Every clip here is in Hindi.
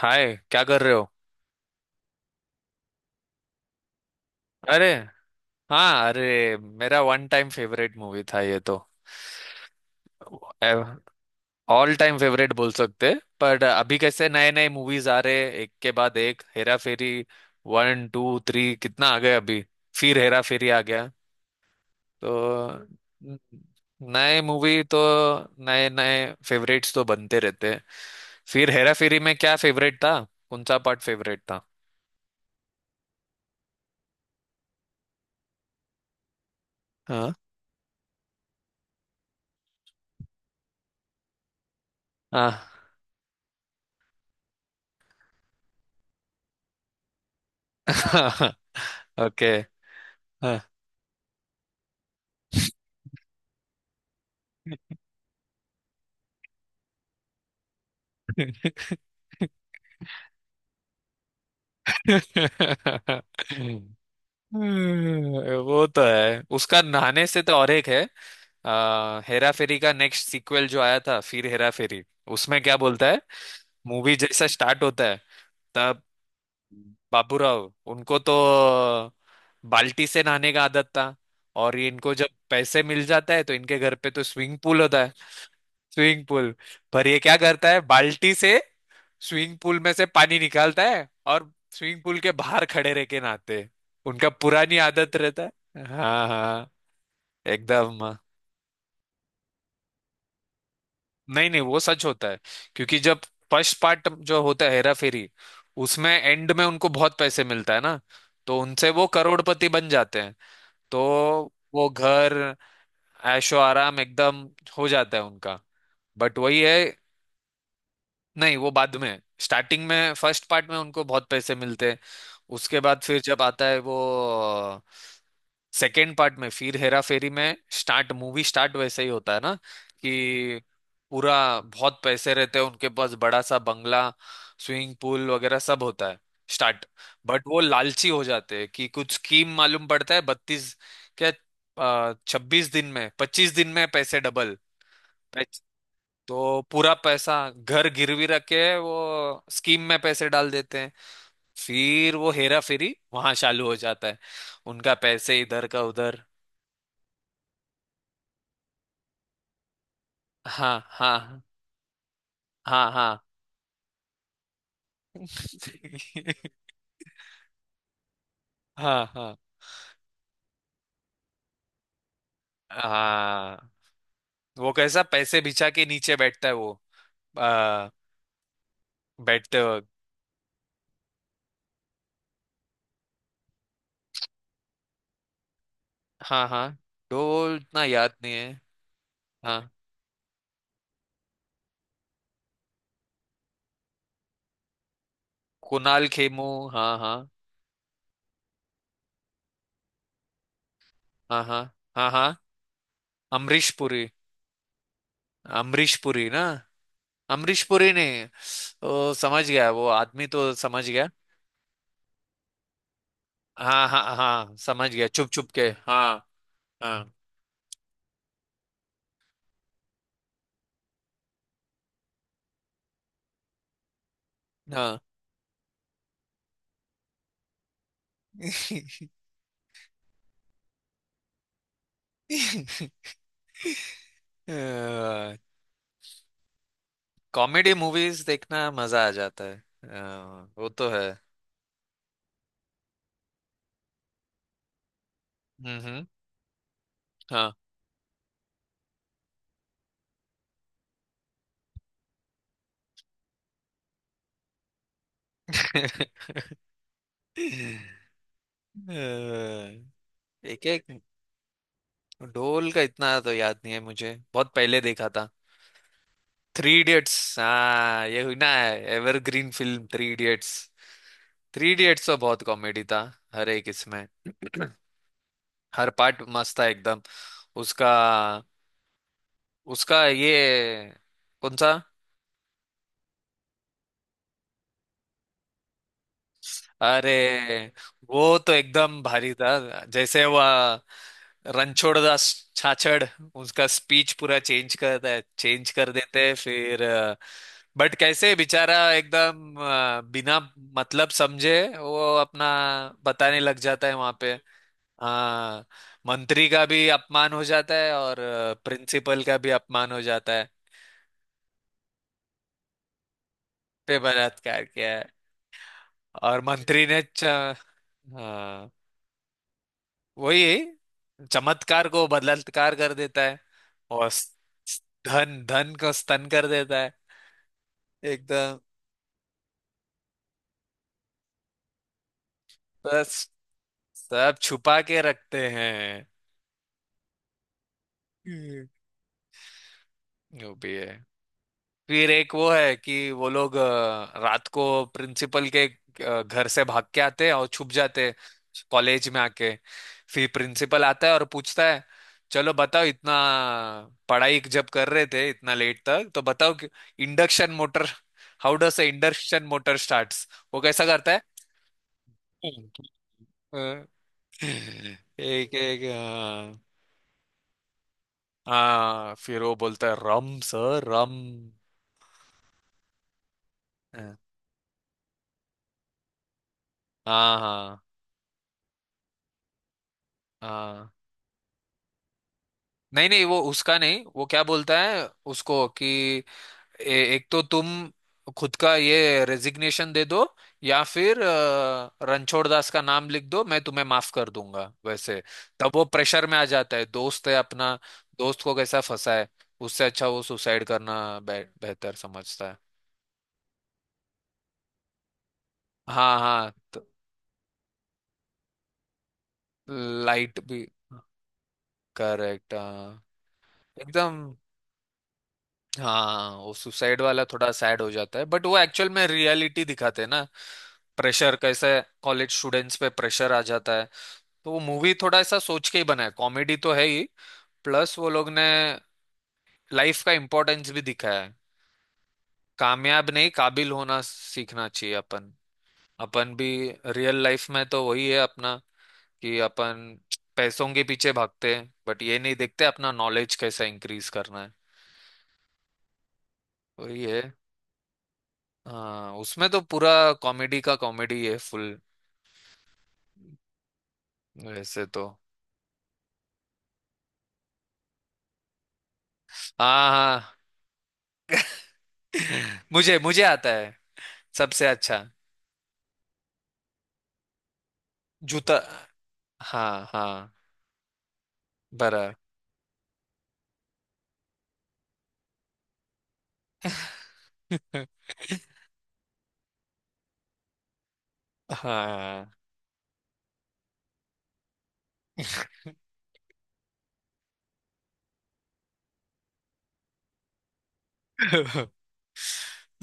हाय, क्या कर रहे हो। अरे। हाँ, अरे मेरा वन टाइम फेवरेट मूवी था ये तो। ऑल टाइम फेवरेट बोल सकते। पर अभी कैसे नए नए मूवीज आ रहे, एक के बाद एक। Hera Pheri one two three कितना आ गए अभी, फिर हेरा फेरी आ गया। तो न- नए मूवी तो, नए नए फेवरेट्स तो बनते रहते हैं। फिर हेरा फेरी में क्या फेवरेट था, कौन सा पार्ट फेवरेट था। हाँ हाँ। ओके। हाँ। वो तो है, उसका नहाने से तो और एक है। हेरा फेरी का नेक्स्ट सीक्वल जो आया था, फिर हेरा फेरी, उसमें क्या बोलता है। मूवी जैसा स्टार्ट होता है तब, बाबूराव उनको तो बाल्टी से नहाने का आदत था। और ये इनको जब पैसे मिल जाता है तो इनके घर पे तो स्विमिंग पूल होता है, स्विमिंग पूल। पर ये क्या करता है, बाल्टी से स्विमिंग पूल में से पानी निकालता है और स्विमिंग पूल के बाहर खड़े रह के नहाते हैं। उनका पुरानी आदत रहता है। हाँ। हाँ हाँ, एकदम। नहीं नहीं, वो सच होता है। क्योंकि जब फर्स्ट पार्ट जो होता है हेरा फेरी, उसमें एंड में उनको बहुत पैसे मिलता है ना, तो उनसे वो करोड़पति बन जाते हैं। तो वो घर, ऐशो आराम एकदम हो जाता है उनका। बट वही है, नहीं वो बाद में, स्टार्टिंग में फर्स्ट पार्ट में उनको बहुत पैसे मिलते हैं। उसके बाद फिर जब आता है वो सेकेंड पार्ट में, फिर हेरा फेरी में स्टार्ट, मूवी स्टार्ट वैसे ही होता है ना कि पूरा बहुत पैसे रहते हैं उनके पास, बड़ा सा बंगला, स्विमिंग पूल वगैरह सब होता है स्टार्ट। बट वो लालची हो जाते हैं कि कुछ स्कीम मालूम पड़ता है, 32, क्या 26 दिन में, 25 दिन में पैसे डबल। तो पूरा पैसा घर गिरवी रख के वो स्कीम में पैसे डाल देते हैं। फिर वो हेरा फेरी वहां चालू हो जाता है, उनका पैसे इधर का उधर। हाँ हाँ। हाँ हाँ। हाँ हाँ हाँ। वो कैसा पैसे बिछा के नीचे बैठता है वो, आ, बैठते वक्त। हाँ हाँ, तो वो इतना याद नहीं है। हाँ। कुणाल खेमू, हाँ हाँ। हाँ हाँ। हाँ हाँ। अमरीश पुरी, अमरीश पुरी ना, अमरीश पुरी ने। ओ, समझ गया, वो आदमी तो समझ गया। हाँ हाँ हाँ, समझ गया, चुप चुप के, हाँ। हाँ। हाँ। कॉमेडी मूवीज देखना मजा आ जाता है। वो तो है। हम्म। हाँ। एक एक, ढोल का इतना तो याद नहीं है मुझे, बहुत पहले देखा था। थ्री इडियट्स, हाँ, ये हुई ना evergreen film, Three Idiots. Three Idiots तो बहुत कॉमेडी था, हर एक इसमें। हर पार्ट मस्त था एकदम, उसका। उसका ये, कौन सा। अरे, वो तो एकदम भारी था। जैसे वह रणछोड़ दास छाछड़, उसका स्पीच पूरा चेंज करता है, चेंज कर देते हैं, फिर। बट कैसे बेचारा एकदम, बिना मतलब समझे वो अपना बताने लग जाता है वहां पे। हाँ। मंत्री का भी अपमान हो जाता है, और प्रिंसिपल का भी अपमान हो जाता है। पे बलात्कार किया है, और मंत्री ने हाँ, वही, चमत्कार को बलात्कार कर देता है। और स- धन धन को स्तन कर देता है एकदम। बस सब छुपा के रखते हैं। हम्म। जो भी है। फिर एक वो है कि वो लोग रात को प्रिंसिपल के घर से भाग के आते हैं और छुप जाते हैं, कॉलेज में आके। फिर प्रिंसिपल आता है और पूछता है, चलो बताओ, इतना पढ़ाई जब कर रहे थे इतना लेट तक तो बताओ कि induction motor, how does induction motor starts, वो कैसा करता है। हम्म। अ, एक एक, हाँ। हाँ, फिर वो बोलता है रम सर रम। हाँ हाँ। हाँ, नहीं नहीं वो उसका नहीं। वो क्या बोलता है उसको कि ए, एक तो तुम खुद का ये रेजिग्नेशन दे दो, या फिर रणछोड़ दास का नाम लिख दो, मैं तुम्हें माफ कर दूंगा वैसे। तब वो प्रेशर में आ जाता है। दोस्त है अपना, दोस्त को कैसा फंसा है, उससे अच्छा वो सुसाइड करना बेहतर समझता है। हाँ हाँ तो। लाइट भी, करेक्ट हाँ। एकदम। हाँ, वो सुसाइड वाला थोड़ा सैड हो जाता है, बट वो एक्चुअल में रियलिटी दिखाते हैं ना, प्रेशर कैसे कॉलेज स्टूडेंट्स पे प्रेशर आ जाता है। तो वो मूवी थोड़ा ऐसा सोच के ही बना है, कॉमेडी तो है ही, प्लस वो लोग ने लाइफ का इम्पोर्टेंस भी दिखाया है। कामयाब नहीं, काबिल होना सीखना चाहिए अपन। अपन भी रियल लाइफ में तो वही है अपना, कि अपन पैसों के पीछे भागते हैं बट ये नहीं देखते अपना नॉलेज कैसे इंक्रीज करना है। वही है। हाँ उसमें तो पूरा कॉमेडी का कॉमेडी है फुल वैसे तो। हाँ हाँ। मुझे, मुझे आता है सबसे अच्छा। जूता, हाँ हाँ। बराबर। हाँ।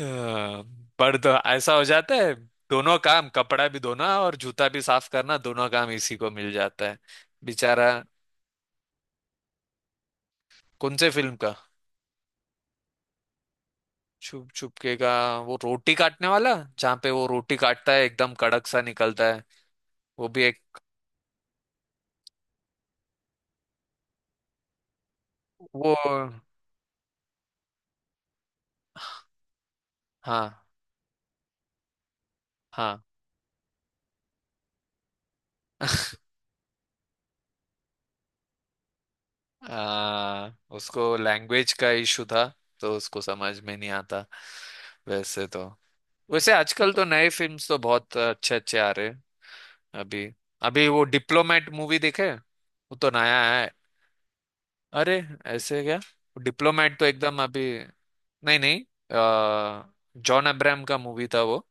हाँ, पर तो ऐसा हो जाता है, दोनों काम, कपड़ा भी धोना और जूता भी साफ करना, दोनों काम इसी को मिल जाता है बेचारा। कौन से फिल्म का। छुप छुप के का। वो रोटी काटने वाला, जहाँ पे वो रोटी काटता है एकदम कड़क सा निकलता है। वो भी एक। वो, हाँ हाँ। आ, उसको लैंग्वेज का इशू था, तो उसको समझ में नहीं आता वैसे तो। वैसे आजकल तो नए फिल्म्स तो बहुत अच्छे अच्छे आ रहे हैं। अभी, अभी वो डिप्लोमेट मूवी देखे, वो तो नया है। अरे, ऐसे क्या। डिप्लोमेट तो एकदम अभी। नहीं नहीं, जॉन अब्राहम का मूवी था वो।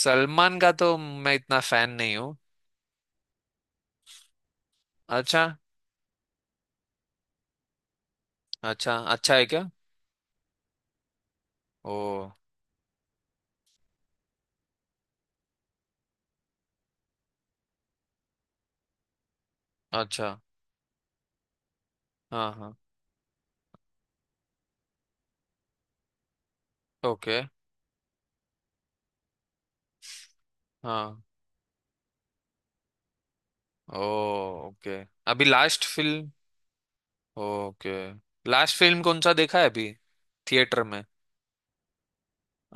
सलमान का तो मैं इतना फैन नहीं हूँ। अच्छा। अच्छा, अच्छा है क्या। ओ। अच्छा। हाँ हाँ। ओके। हाँ। ओ, ओके। अभी last film, okay, last film कौन सा देखा है अभी, थिएटर में।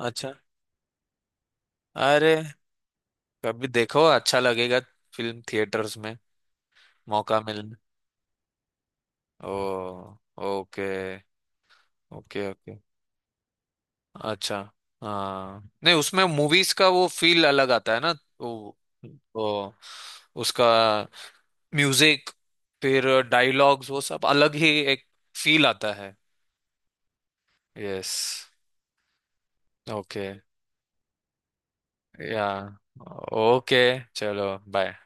अच्छा। अरे, कभी देखो अच्छा लगेगा, फिल्म थिएटर्स में, मौका मिलने। ओ, ओके। Okay okay. अच्छा। हाँ, नहीं उसमें मूवीज का वो फील अलग आता है ना। वो, वो उसका म्यूजिक, फिर डायलॉग्स, वो सब अलग ही एक फील आता है। यस। ओके। या, ओके। चलो, बाय।